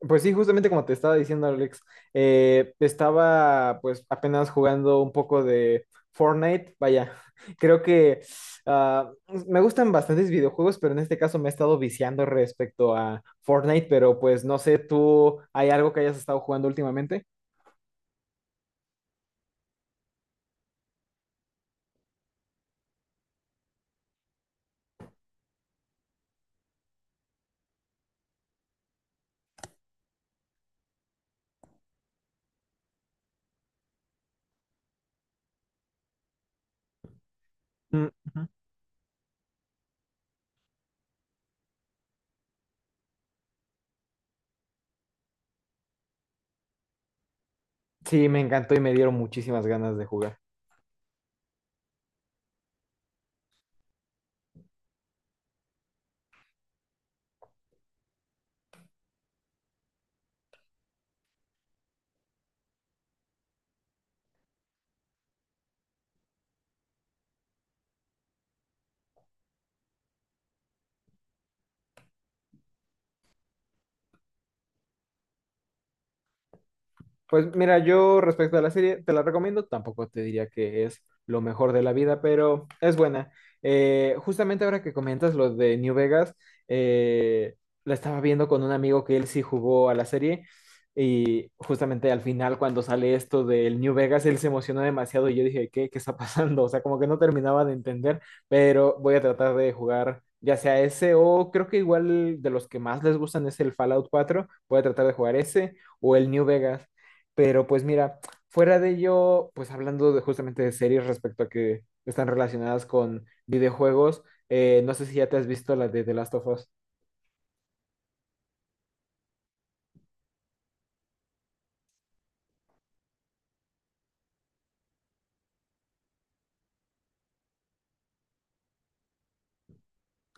Pues sí, justamente como te estaba diciendo, Alex, estaba pues apenas jugando un poco de Fortnite. Vaya, creo que ah, me gustan bastantes videojuegos, pero en este caso me he estado viciando respecto a Fortnite, pero pues no sé, ¿tú hay algo que hayas estado jugando últimamente? Mm, ujú. Sí, me encantó y me dieron muchísimas ganas de jugar. Pues mira, yo respecto a la serie, te la recomiendo, tampoco te diría que es lo mejor de la vida, pero es buena. Justamente ahora que comentas lo de New Vegas, eh, la estaba viendo con un amigo que él sí jugó a la serie y justamente al final cuando sale esto del New Vegas, él se emocionó demasiado y yo dije, ¿qué, qué está pasando? O sea, como que no terminaba de entender, pero voy a tratar de jugar. Ya sea ese o creo que igual de los que más les gustan es el Fallout 4, voy a tratar de jugar ese o el New Vegas. Pero pues mira, fuera de ello, pues hablando de, justamente de series respecto a que están relacionadas con videojuegos, no sé si ya te has visto la de The Last of Us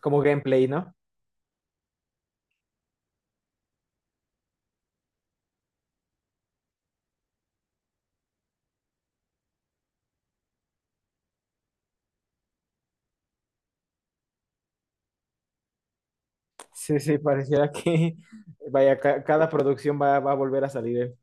como gameplay, ¿no? Sí, sí, pareciera que vaya, cada producción va a volver a salir.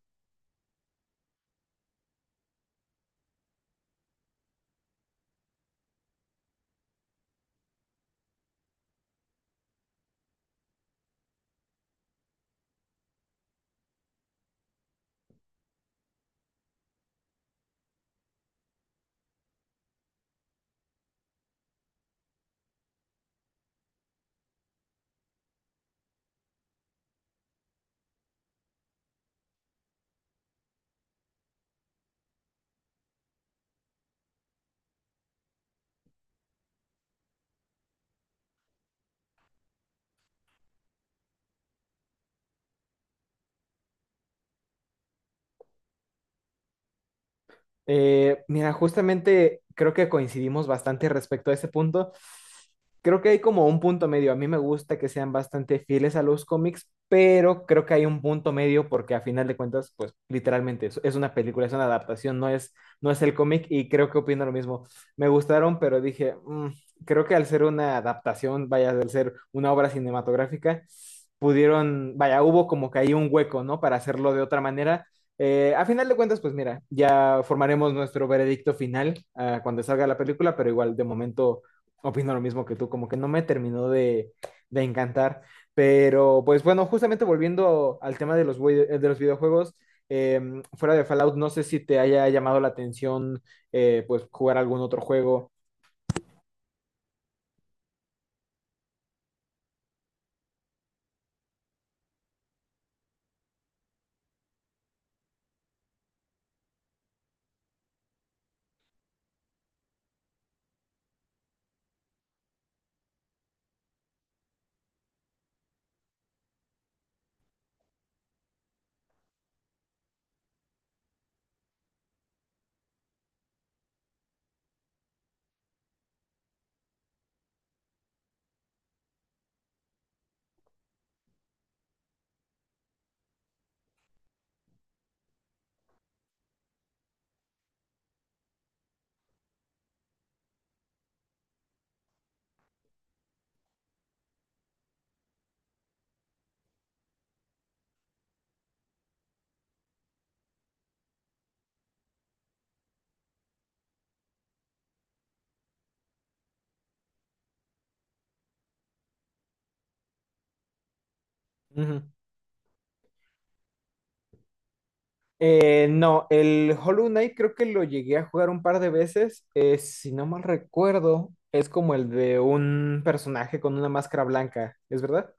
Mira, justamente creo que coincidimos bastante respecto a ese punto. Creo que hay como un punto medio. A mí me gusta que sean bastante fieles a los cómics, pero creo que hay un punto medio porque a final de cuentas, pues literalmente es una película, es una adaptación, no es el cómic y creo que opino lo mismo. Me gustaron, pero dije, "Mm, creo que al ser una adaptación, vaya, al ser una obra cinematográfica, pudieron, vaya, hubo como que ahí un hueco, ¿no? Para hacerlo de otra manera. A final de cuentas, pues mira, ya formaremos nuestro veredicto final cuando salga la película, pero igual de momento opino lo mismo que tú, como que no me terminó de encantar. Pero pues bueno, justamente volviendo al tema de los, de los videojuegos, eh, fuera de Fallout, no sé si te haya llamado la atención, pues jugar algún otro juego. Ujú. No, el Hollow Knight creo que lo llegué a jugar un par de veces. Si no mal recuerdo, es como el de un personaje con una máscara blanca, ¿es verdad?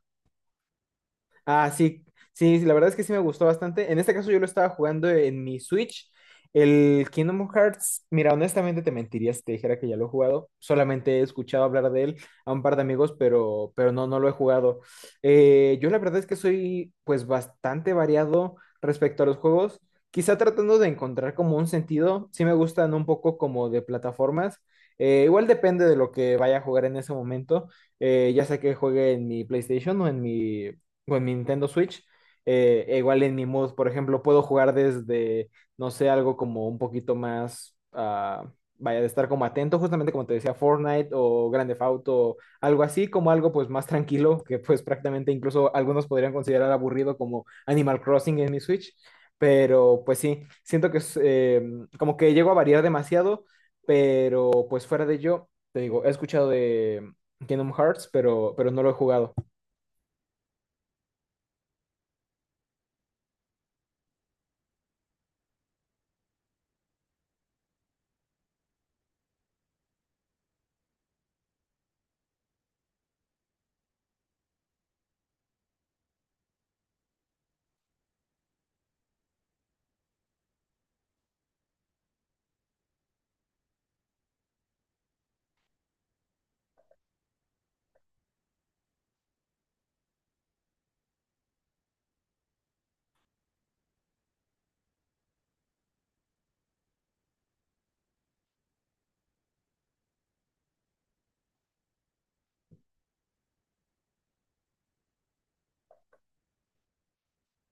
Ah, sí, sí, la verdad es que sí me gustó bastante. En este caso yo lo estaba jugando en mi Switch. El Kingdom Hearts, mira, honestamente te mentiría si te dijera que ya lo he jugado. Solamente he escuchado hablar de él a un par de amigos, pero no, no lo he jugado. Yo la verdad es que soy pues bastante variado respecto a los juegos. Quizá tratando de encontrar como un sentido. Sí me gustan un poco como de plataformas. Igual depende de lo que vaya a jugar en ese momento, ya sea que juegue en mi PlayStation o en mi Nintendo Switch. E igual en mi mood, por ejemplo, puedo jugar desde, no sé, algo como un poquito más, vaya, de estar como atento, justamente como te decía, Fortnite o Grand Theft Auto, algo así, como algo pues más tranquilo, que pues prácticamente incluso algunos podrían considerar aburrido como Animal Crossing en mi Switch, pero pues sí, siento que es como que llego a variar demasiado, pero pues fuera de ello, te digo, he escuchado de Kingdom Hearts, pero no lo he jugado.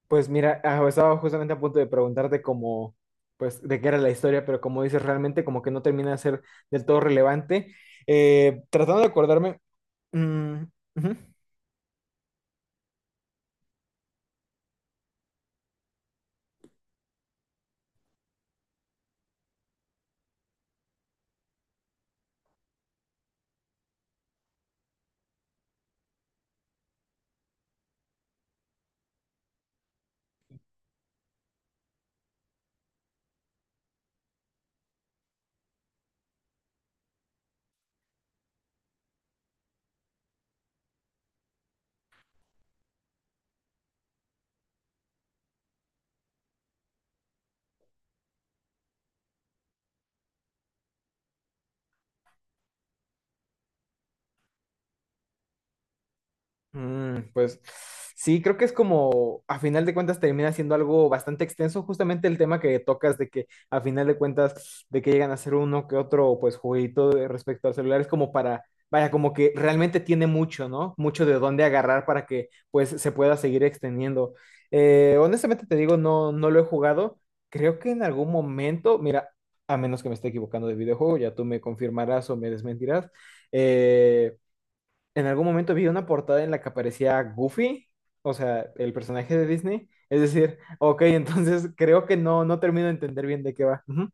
Pues mira, estaba justamente a punto de preguntarte cómo, pues, de qué era la historia, pero como dices, realmente como que no termina de ser del todo relevante. Tratando de acordarme, mm, ujú. Mm, pues sí, creo que es como, a final de cuentas, termina siendo algo bastante extenso, justamente el tema que tocas de que, a final de cuentas, de que llegan a ser uno que otro, pues, jueguito respecto al celular, es como para, vaya, como que realmente tiene mucho, ¿no? Mucho de dónde agarrar para que, pues, se pueda seguir extendiendo. Honestamente te digo, no, no lo he jugado. Creo que en algún momento, mira, a menos que me esté equivocando de videojuego, ya tú me confirmarás o me desmentirás. eh, en algún momento vi una portada en la que aparecía Goofy, o sea, el personaje de Disney. Es decir, ok, entonces creo que no, no termino de entender bien de qué va. Ujú.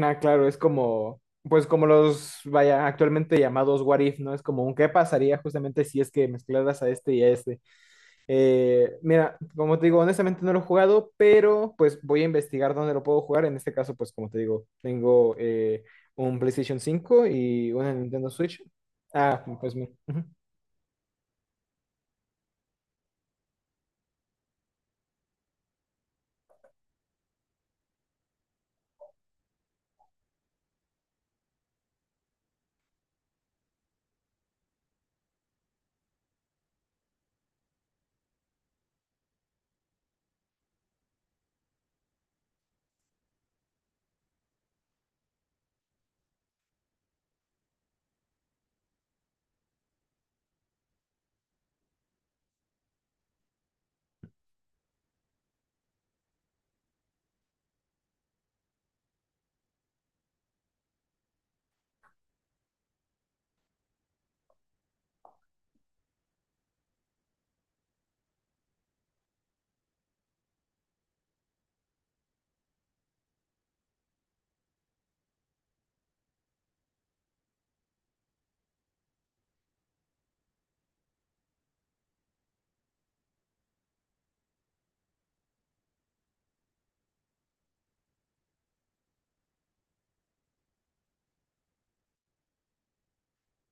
Ah, claro, es como, pues como los, vaya, actualmente llamados What If, ¿no? Es como un qué pasaría justamente si es que mezclaras a este y a este. Mira, como te digo, honestamente no lo he jugado, pero pues voy a investigar dónde lo puedo jugar. En este caso, pues como te digo, tengo un PlayStation 5 y una Nintendo Switch. Ah, pues mira. Ujú.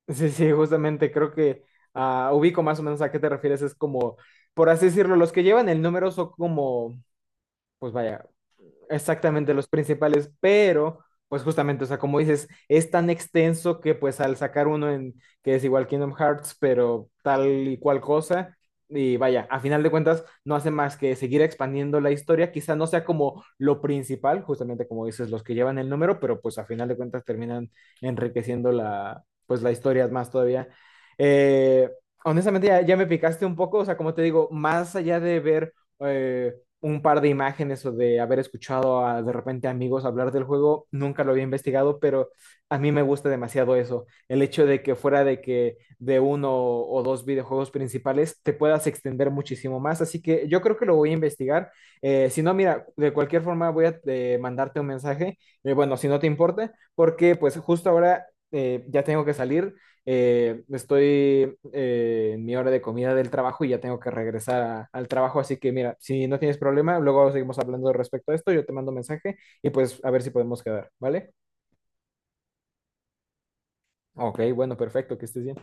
Sí, sí, justamente creo que ubico más o menos a qué te refieres. Es como, por así decirlo, los que llevan el número son como, pues vaya. Exactamente, los principales, pero pues justamente, o sea, como dices, es tan extenso que pues al sacar uno en que es igual Kingdom Hearts, pero tal y cual cosa, y vaya, a final de cuentas no hace más que seguir expandiendo la historia, quizá no sea como lo principal, justamente como dices, los que llevan el número, pero pues a final de cuentas terminan enriqueciendo la, pues la historia más todavía. Eh, Honestamente ya me picaste un poco, o sea, como te digo, más allá de ver... Eh, un par de imágenes o de haber escuchado a, de repente amigos hablar del juego, nunca lo había investigado, pero a mí me gusta demasiado eso, el hecho de que fuera de que de uno o dos videojuegos principales te puedas extender muchísimo más, así que yo creo que lo voy a investigar. Si no, mira, de cualquier forma voy a mandarte un mensaje. Bueno, si no te importa, porque pues justo ahora ya tengo que salir, estoy en mi hora de comida del trabajo y ya tengo que regresar al trabajo, así que mira, si no tienes problema, luego seguimos hablando respecto a esto, yo te mando mensaje y pues a ver si podemos quedar, ¿vale? Ok, bueno, perfecto, que estés bien.